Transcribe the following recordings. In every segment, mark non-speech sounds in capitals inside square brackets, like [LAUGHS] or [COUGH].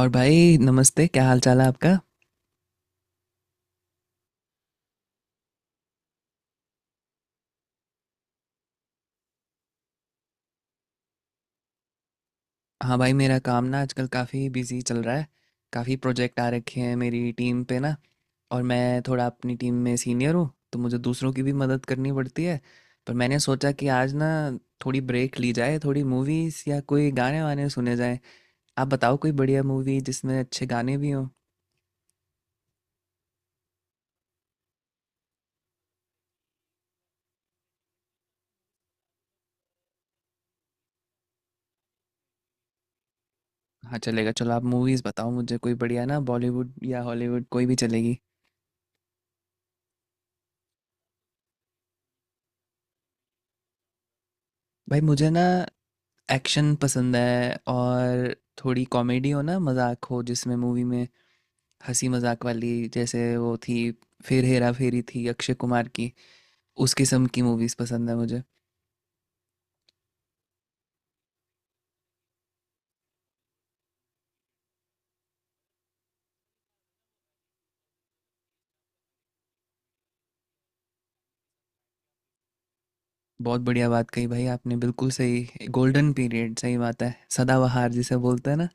और भाई नमस्ते, क्या हाल चाल है आपका। हाँ भाई, मेरा काम ना आजकल काफ़ी बिजी चल रहा है। काफ़ी प्रोजेक्ट आ रखे हैं मेरी टीम पे ना, और मैं थोड़ा अपनी टीम में सीनियर हूँ तो मुझे दूसरों की भी मदद करनी पड़ती है। पर मैंने सोचा कि आज ना थोड़ी ब्रेक ली जाए, थोड़ी मूवीज़ या कोई गाने वाने सुने जाएं। आप बताओ कोई बढ़िया मूवी जिसमें अच्छे गाने भी हों। हाँ चलेगा, चलो आप मूवीज़ बताओ मुझे कोई बढ़िया ना, बॉलीवुड या हॉलीवुड कोई भी चलेगी। भाई मुझे ना एक्शन पसंद है, और थोड़ी कॉमेडी हो ना, मजाक हो जिसमें, मूवी में हंसी मजाक वाली, जैसे वो थी फिर हेरा फेरी थी अक्षय कुमार की। उस किस्म की मूवीज पसंद है मुझे। बहुत बढ़िया बात कही भाई आपने, बिल्कुल सही, गोल्डन पीरियड, सही बात है, सदाबहार जिसे बोलते हैं ना,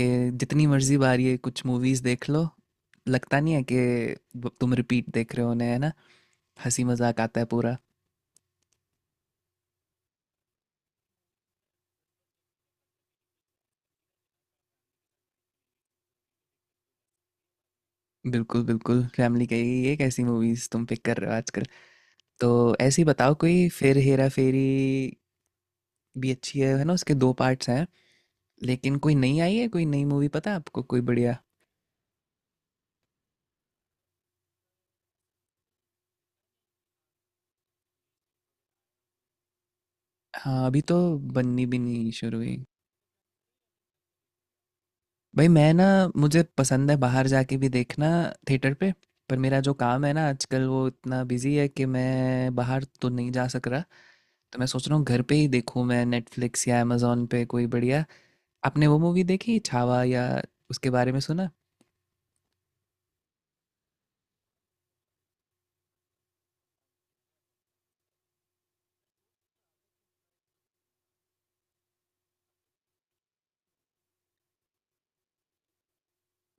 कि जितनी मर्जी बार ये कुछ मूवीज देख लो, लगता नहीं है कि तुम रिपीट देख रहे हो उन्हें, है ना। हंसी मजाक आता है पूरा। बिल्कुल बिल्कुल, फैमिली कहेगी ये कैसी मूवीज तुम पिक कर रहे हो आजकल। तो ऐसी बताओ कोई, फिर हेरा फेरी भी अच्छी है ना, उसके दो पार्ट्स हैं। लेकिन कोई नई आई है, कोई नई मूवी पता है आपको कोई बढ़िया। हाँ अभी तो बननी भी नहीं शुरू हुई। भाई मैं ना, मुझे पसंद है बाहर जाके भी देखना, थिएटर पे। पर मेरा जो काम है ना आजकल, वो इतना बिजी है कि मैं बाहर तो नहीं जा सक रहा। तो मैं सोच रहा हूँ घर पे ही देखूँ मैं नेटफ्लिक्स या अमेजोन पे कोई बढ़िया। आपने वो मूवी देखी छावा, या उसके बारे में सुना।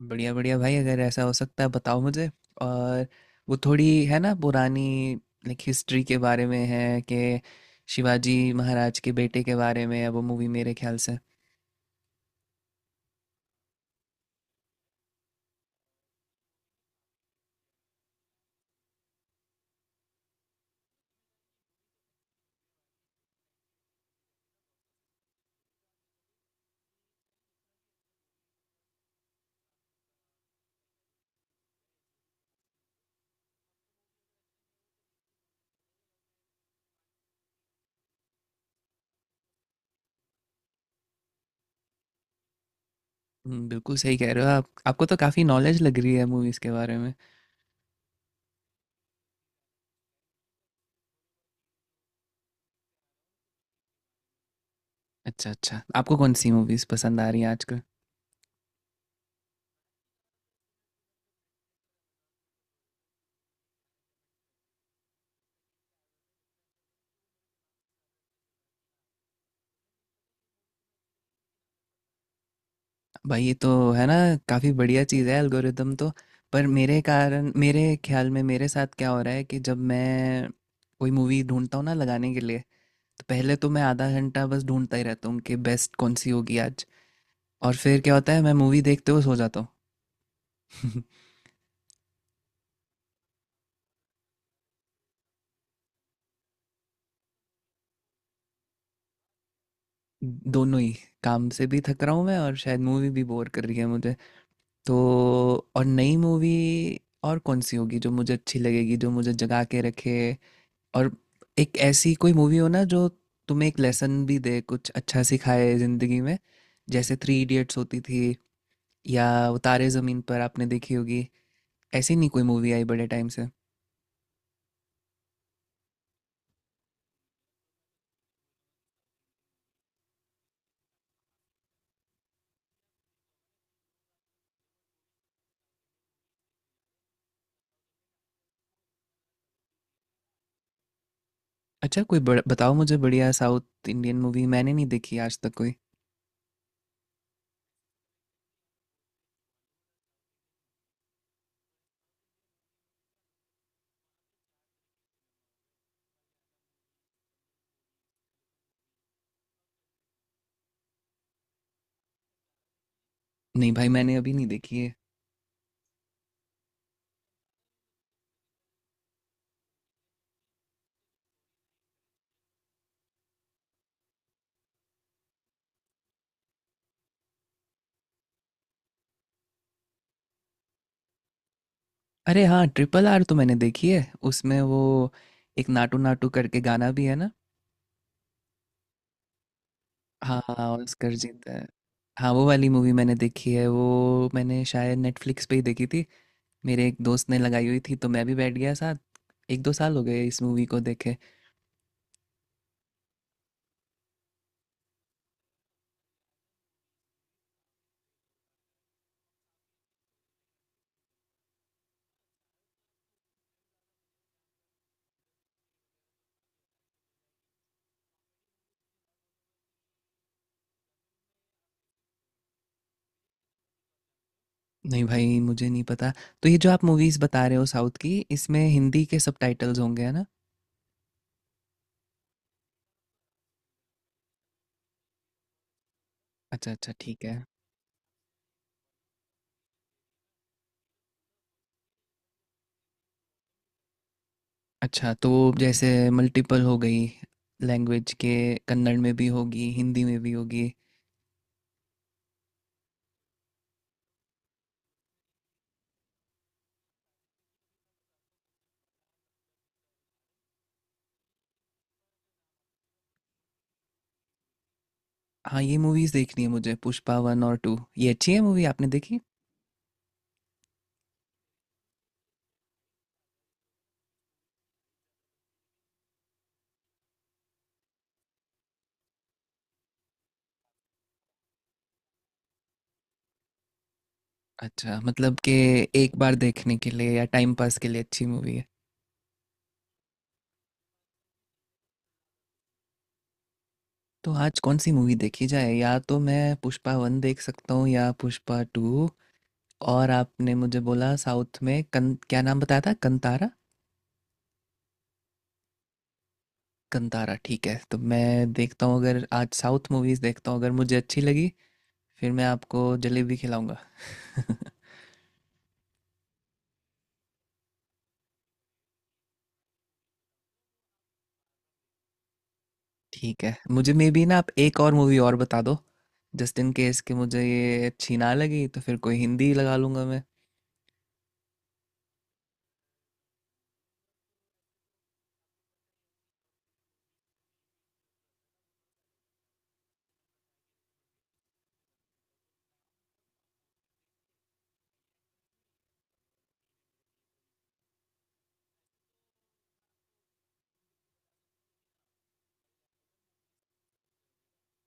बढ़िया बढ़िया भाई, अगर ऐसा हो सकता है बताओ मुझे। और वो थोड़ी है ना पुरानी, लाइक हिस्ट्री के बारे में है, कि शिवाजी महाराज के बेटे के बारे में है वो मूवी मेरे ख्याल से। बिल्कुल सही कह रहे हो आप, आपको तो काफ़ी नॉलेज लग रही है मूवीज़ के बारे में। अच्छा अच्छा, आपको कौन सी मूवीज़ पसंद आ रही हैं आजकल। भाई ये तो है ना, काफ़ी बढ़िया चीज़ है एल्गोरिदम तो। पर मेरे कारण, मेरे ख्याल में मेरे साथ क्या हो रहा है कि जब मैं कोई मूवी ढूंढता हूँ ना लगाने के लिए, तो पहले तो मैं आधा घंटा बस ढूंढता ही रहता हूँ कि बेस्ट कौन सी होगी आज, और फिर क्या होता है मैं मूवी देखते हुए सो जाता हूँ। [LAUGHS] दोनों ही, काम से भी थक रहा हूँ मैं और शायद मूवी भी बोर कर रही है मुझे। तो, और नई मूवी, और कौन सी होगी जो मुझे अच्छी लगेगी, जो मुझे जगा के रखे। और एक ऐसी कोई मूवी हो ना, जो तुम्हें एक लेसन भी दे, कुछ अच्छा सिखाए ज़िंदगी में। जैसे थ्री इडियट्स होती थी, या वो तारे ज़मीन पर आपने देखी होगी। ऐसी नहीं कोई मूवी आई बड़े टाइम से। अच्छा कोई बड़ा बताओ मुझे बढ़िया साउथ इंडियन मूवी, मैंने नहीं देखी आज तक कोई। नहीं भाई, मैंने अभी नहीं देखी है। अरे हाँ, ट्रिपल आर तो मैंने देखी है। उसमें वो एक नाटू नाटू करके गाना भी है ना। हाँ हाँ हाँ, ऑस्कर जीता है। हाँ वो वाली मूवी मैंने देखी है, वो मैंने शायद नेटफ्लिक्स पे ही देखी थी। मेरे एक दोस्त ने लगाई हुई थी तो मैं भी बैठ गया साथ। एक दो साल हो गए इस मूवी को देखे। नहीं भाई मुझे नहीं पता। तो ये जो आप मूवीज बता रहे हो साउथ की, इसमें हिंदी के सबटाइटल्स होंगे है ना। अच्छा अच्छा ठीक है। अच्छा, तो जैसे मल्टीपल हो गई लैंग्वेज के, कन्नड़ में भी होगी, हिंदी में भी होगी। हाँ, ये मूवीज़ देखनी है मुझे, पुष्पा 1 और 2, ये अच्छी है मूवी आपने देखी? अच्छा, मतलब कि एक बार देखने के लिए या टाइम पास के लिए अच्छी मूवी है। तो आज कौन सी मूवी देखी जाए? या तो मैं पुष्पा 1 देख सकता हूँ या पुष्पा 2। और आपने मुझे बोला साउथ में कन, क्या नाम बताया था, कंतारा? कंतारा ठीक है, तो मैं देखता हूँ, अगर आज साउथ मूवीज़ देखता हूँ अगर मुझे अच्छी लगी, फिर मैं आपको जलेबी खिलाऊंगा। [LAUGHS] ठीक है, मुझे मे बी ना आप एक और मूवी और बता दो, जस्ट इन केस कि मुझे ये अच्छी ना लगी तो फिर कोई हिंदी लगा लूंगा मैं।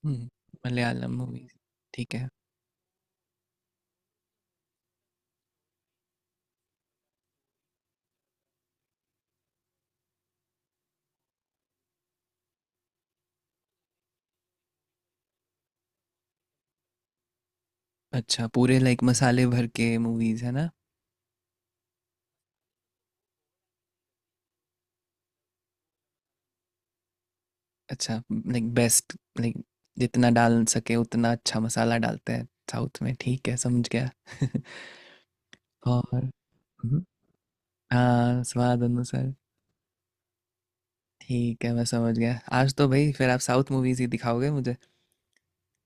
हम्म मलयालम मूवीज, ठीक है। अच्छा पूरे लाइक मसाले भर के मूवीज है ना। अच्छा, लाइक बेस्ट, लाइक जितना डाल सके उतना अच्छा मसाला डालते हैं साउथ में, ठीक है समझ गया। [LAUGHS] और, हम्म, हाँ स्वाद अनुसार। ठीक है मैं समझ गया, आज तो भाई फिर आप साउथ मूवीज ही दिखाओगे मुझे।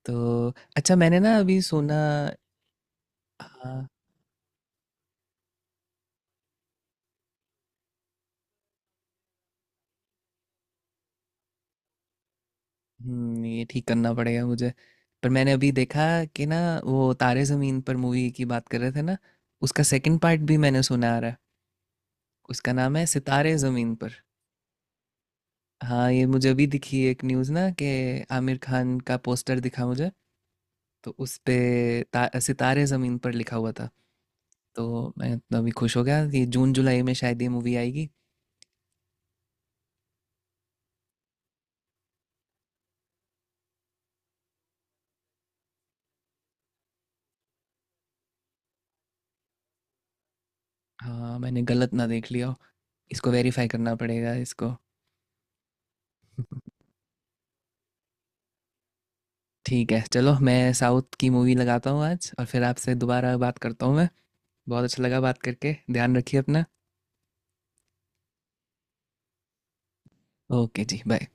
तो अच्छा मैंने ना अभी सुना, हाँ, हुँ, ये ठीक करना पड़ेगा मुझे। पर मैंने अभी देखा कि ना, वो तारे ज़मीन पर मूवी की बात कर रहे थे ना, उसका सेकंड पार्ट भी मैंने सुना आ रहा है, उसका नाम है सितारे ज़मीन पर। हाँ ये मुझे अभी दिखी एक न्यूज़ ना, कि आमिर खान का पोस्टर दिखा मुझे, तो उस पे ता, सितारे ज़मीन पर लिखा हुआ था। तो मैं इतना अभी खुश हो गया कि जून जुलाई में शायद ये मूवी आएगी। हाँ मैंने गलत ना देख लिया हो, इसको वेरीफाई करना पड़ेगा इसको। ठीक है चलो, मैं साउथ की मूवी लगाता हूँ आज और फिर आपसे दोबारा बात करता हूँ मैं। बहुत अच्छा लगा बात करके, ध्यान रखिए अपना। ओके जी बाय।